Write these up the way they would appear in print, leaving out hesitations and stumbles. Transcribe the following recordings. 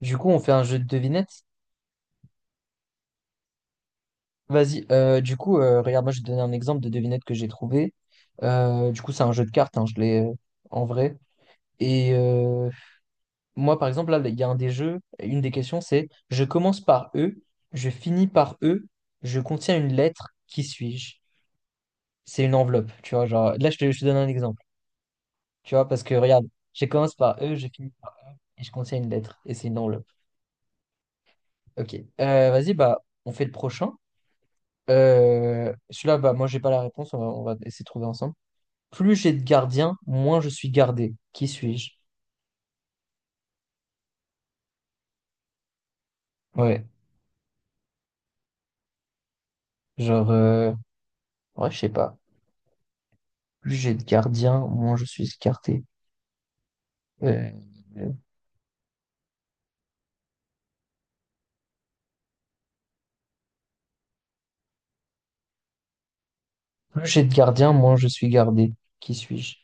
Du coup, on fait un jeu de devinettes. Vas-y, du coup, regarde, moi je vais te donner un exemple de devinette que j'ai trouvé. Du coup, c'est un jeu de cartes, hein, je l'ai en vrai. Et moi, par exemple, là, il y a un des jeux, une des questions, c'est je commence par E, je finis par E, je contiens une lettre, qui suis-je? C'est une enveloppe, tu vois, genre, là, je te donne un exemple, tu vois, parce que regarde, je commence par E, je finis par E, et je contiens une lettre, et c'est une enveloppe. Ok. Vas-y, bah, on fait le prochain. Celui-là, bah, moi, j'ai pas la réponse. On va essayer de trouver ensemble. Plus j'ai de gardiens, moins je suis gardé. Qui suis-je? Ouais. Genre, ouais, je sais pas. Plus j'ai de gardiens, moins je suis gardé. Euh, plus j'ai de gardiens, moins je suis gardé. Qui suis-je?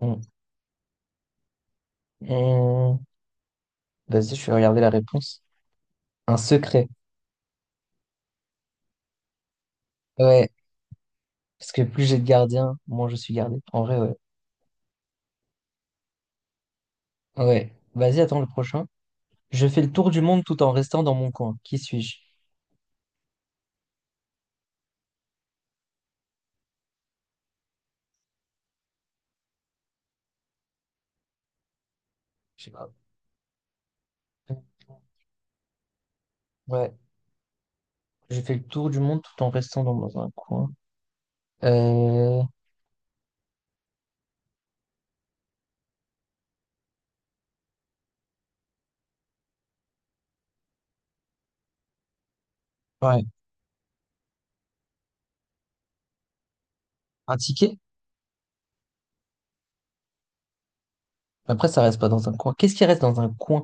Hum, hum. Vas-y, je vais regarder la réponse. Un secret. Ouais. Parce que plus j'ai de gardiens, moins je suis gardé. En vrai, ouais. Ouais. Vas-y, attends le prochain. Je fais le tour du monde tout en restant dans mon coin. Qui suis-je? Je sais pas. Ouais. J'ai fait le tour du monde tout en restant dans un coin. Euh, ouais, un ticket? Après, ça reste pas dans un coin. Qu'est-ce qui reste dans un coin?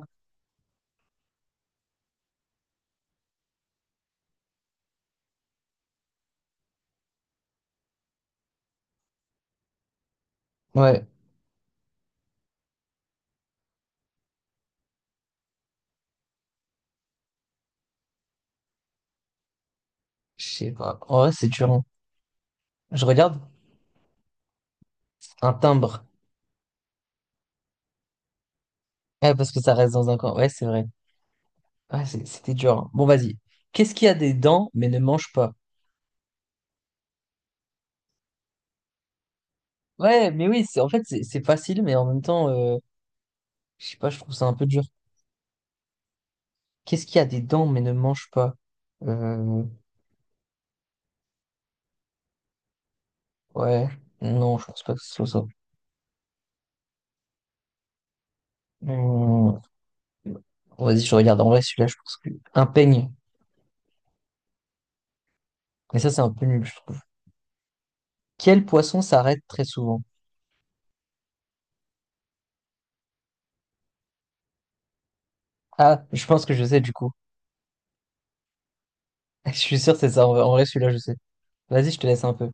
Ouais, je sais pas. En vrai, c'est dur, hein. Je regarde un timbre. Ouais, parce que ça reste dans un coin. Ouais, c'est vrai. Ouais, c'était dur, hein. Bon, vas-y. Qu'est-ce qui a des dents mais ne mange pas? Ouais, mais oui, c'est en fait, c'est facile, mais en même temps, je sais pas, je trouve ça un peu dur. Qu'est-ce qui a des dents mais ne mange pas? Euh, ouais, non, je pense pas que ce soit ça. Hmm. Bon, vas-y, je regarde. En vrai, celui-là, je pense que... Un peigne. Mais ça, c'est un peu nul, je trouve. Quel poisson s'arrête très souvent? Ah, je pense que je sais, du coup. Je suis sûr que c'est ça. En vrai, celui-là, je sais. Vas-y, je te laisse un peu.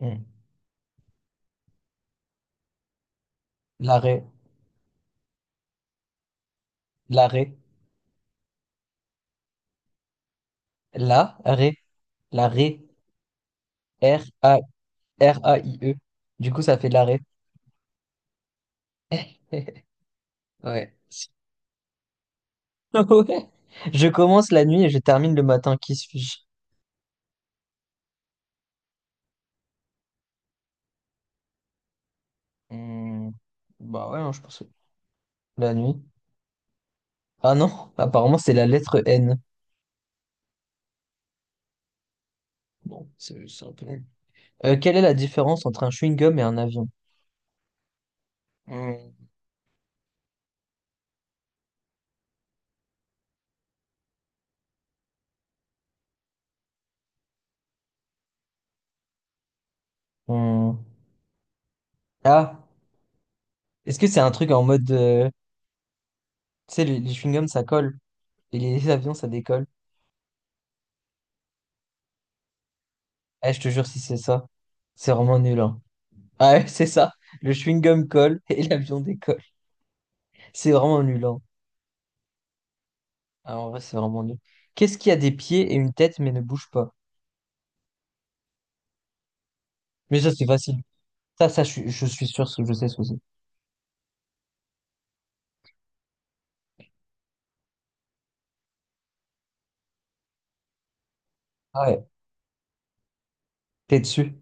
Hmm. L'arrêt. L'arrêt. La. Ré. La. Ré. R. A. R-A-I-E. Du coup, ça fait de l'arrêt. Ouais. Ouais. Je commence la nuit et je termine le matin. Qui suis-je? Hmm. Bah ouais, hein, je pense que la nuit. Ah non, apparemment c'est la lettre N. Bon, c'est un peu nul. Quelle est la différence entre un chewing-gum et un avion? Hmm, hmm. Ah, est-ce que c'est un truc en mode... Tu sais, les chewing-gums, ça colle. Et les avions, ça décolle. Eh, je te jure, si c'est ça, c'est vraiment nul, hein. Ah ouais, c'est ça. Le chewing-gum colle et l'avion décolle. C'est vraiment nul, hein. Ah, en vrai, c'est vraiment nul. Qu'est-ce qui a des pieds et une tête mais ne bouge pas? Mais ça, c'est facile. Ça, je suis sûr que je sais ce que c'est. Ah ouais. T'es dessus?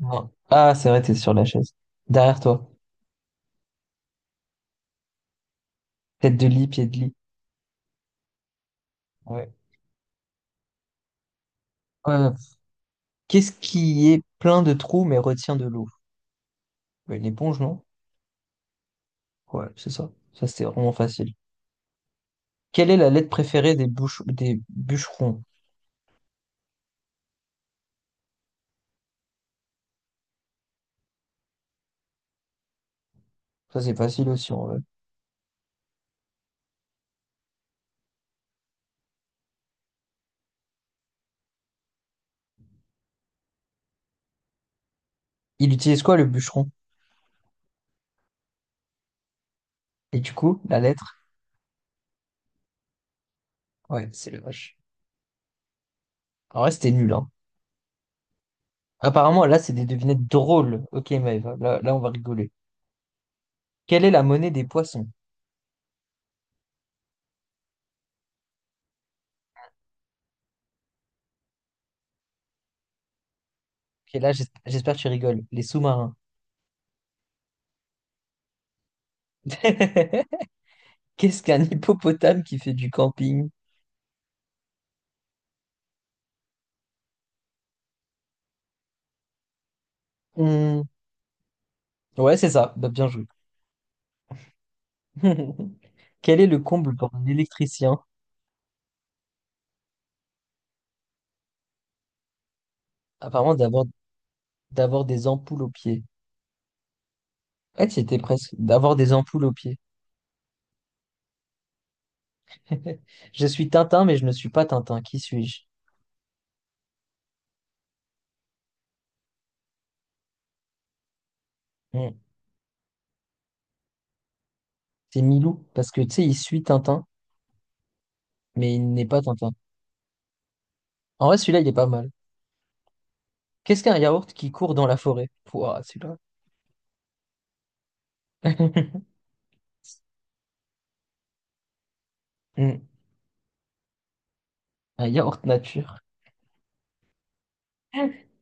Non. Ah, c'est vrai, t'es sur la chaise. Derrière toi. Tête de lit, pied de lit. Ouais. Ouais, ouais. Qu'est-ce qui est plein de trous mais retient de l'eau? Ouais, une éponge, non? Ouais, c'est ça. Ça, c'est vraiment facile. Quelle est la lettre préférée des des bûcherons? Ça, c'est facile aussi, en vrai. Il utilise quoi, le bûcheron? Et du coup, la lettre? Ouais, c'est le vache. En vrai, c'était nul, hein. Apparemment, là, c'est des devinettes drôles. Ok, Maëva, là, on va rigoler. Quelle est la monnaie des poissons? Ok, là, j'espère que tu rigoles. Les sous-marins. Qu'est-ce qu'un hippopotame qui fait du camping? Hmm. Ouais, c'est ça. Bah, bien joué. Quel est le comble pour un électricien? Apparemment, d'avoir des ampoules aux pieds. Ouais, tu y étais presque. D'avoir des ampoules aux pieds. Je suis Tintin, mais je ne suis pas Tintin. Qui suis-je? Hmm. C'est Milou, parce que tu sais, il suit Tintin, mais il n'est pas Tintin. En vrai, celui-là, il est pas mal. Qu'est-ce qu'un yaourt qui court dans la forêt? Pouah, celui-là. Hmm. Un yaourt nature.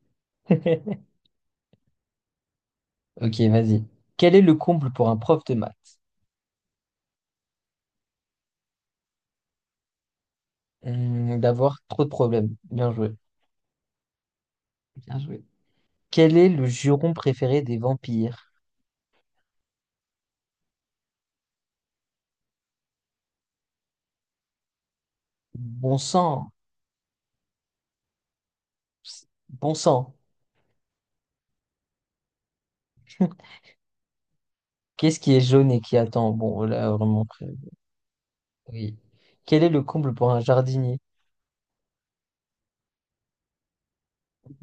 Ok, vas-y. Quel est le comble pour un prof de maths? Hmm. D'avoir trop de problèmes. Bien joué. Bien joué. Quel est le juron préféré des vampires? Bon sang. Bon sang. Qu'est-ce qui est jaune et qui attend? Bon, là, vraiment. Frère. Oui. Quel est le comble pour un jardinier?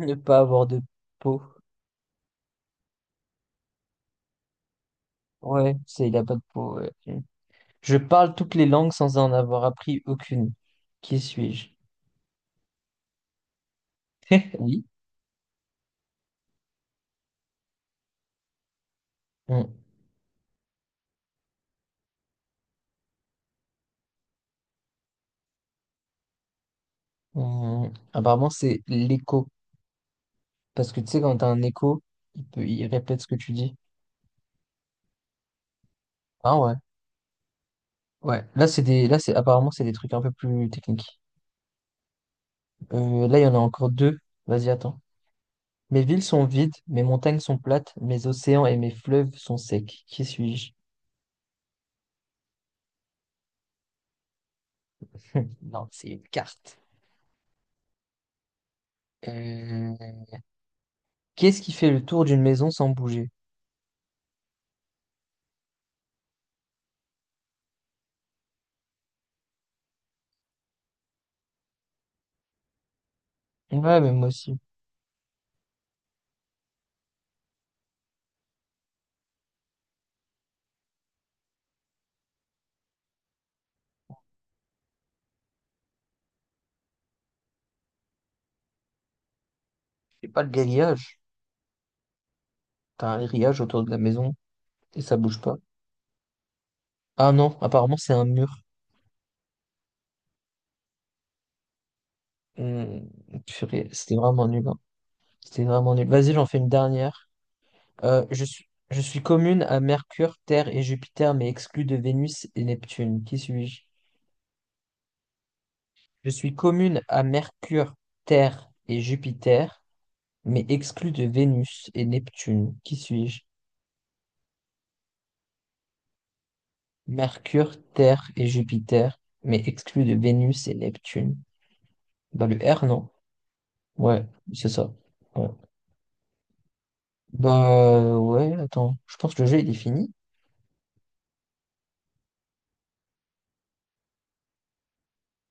Ne pas avoir de peau. Ouais, c'est, il a pas de peau, ouais. Hmm. Je parle toutes les langues sans en avoir appris aucune. Qui suis-je? Oui. Hmm, hmm. Apparemment, c'est l'écho. Parce que tu sais, quand t'as un écho, il peut, il répète ce que tu dis. Ah ouais. Ouais. Là, c'est, apparemment, c'est des trucs un peu plus techniques. Là, il y en a encore deux. Vas-y, attends. Mes villes sont vides, mes montagnes sont plates, mes océans et mes fleuves sont secs. Qui suis-je? Non, c'est une carte. Euh, Qu'est-ce qui fait le tour d'une maison sans bouger? Ouais, mais moi aussi. C'est pas le grillage. T'as un grillage autour de la maison et ça bouge pas. Ah non, apparemment c'est un mur. Hmm, purée, c'était vraiment nul, hein. C'était vraiment nul. Vas-y, j'en fais une dernière. Je suis commune à Mercure, Terre et Jupiter, mais exclue de Vénus et Neptune. Qui suis-je? Je suis commune à Mercure, Terre et Jupiter, mais exclue de Vénus et Neptune. Qui suis-je? Mercure, Terre et Jupiter, mais exclue de Vénus et Neptune. Dans le R, non? Ouais, c'est ça. Ouais. Bah ouais, attends, je pense que le jeu il est fini.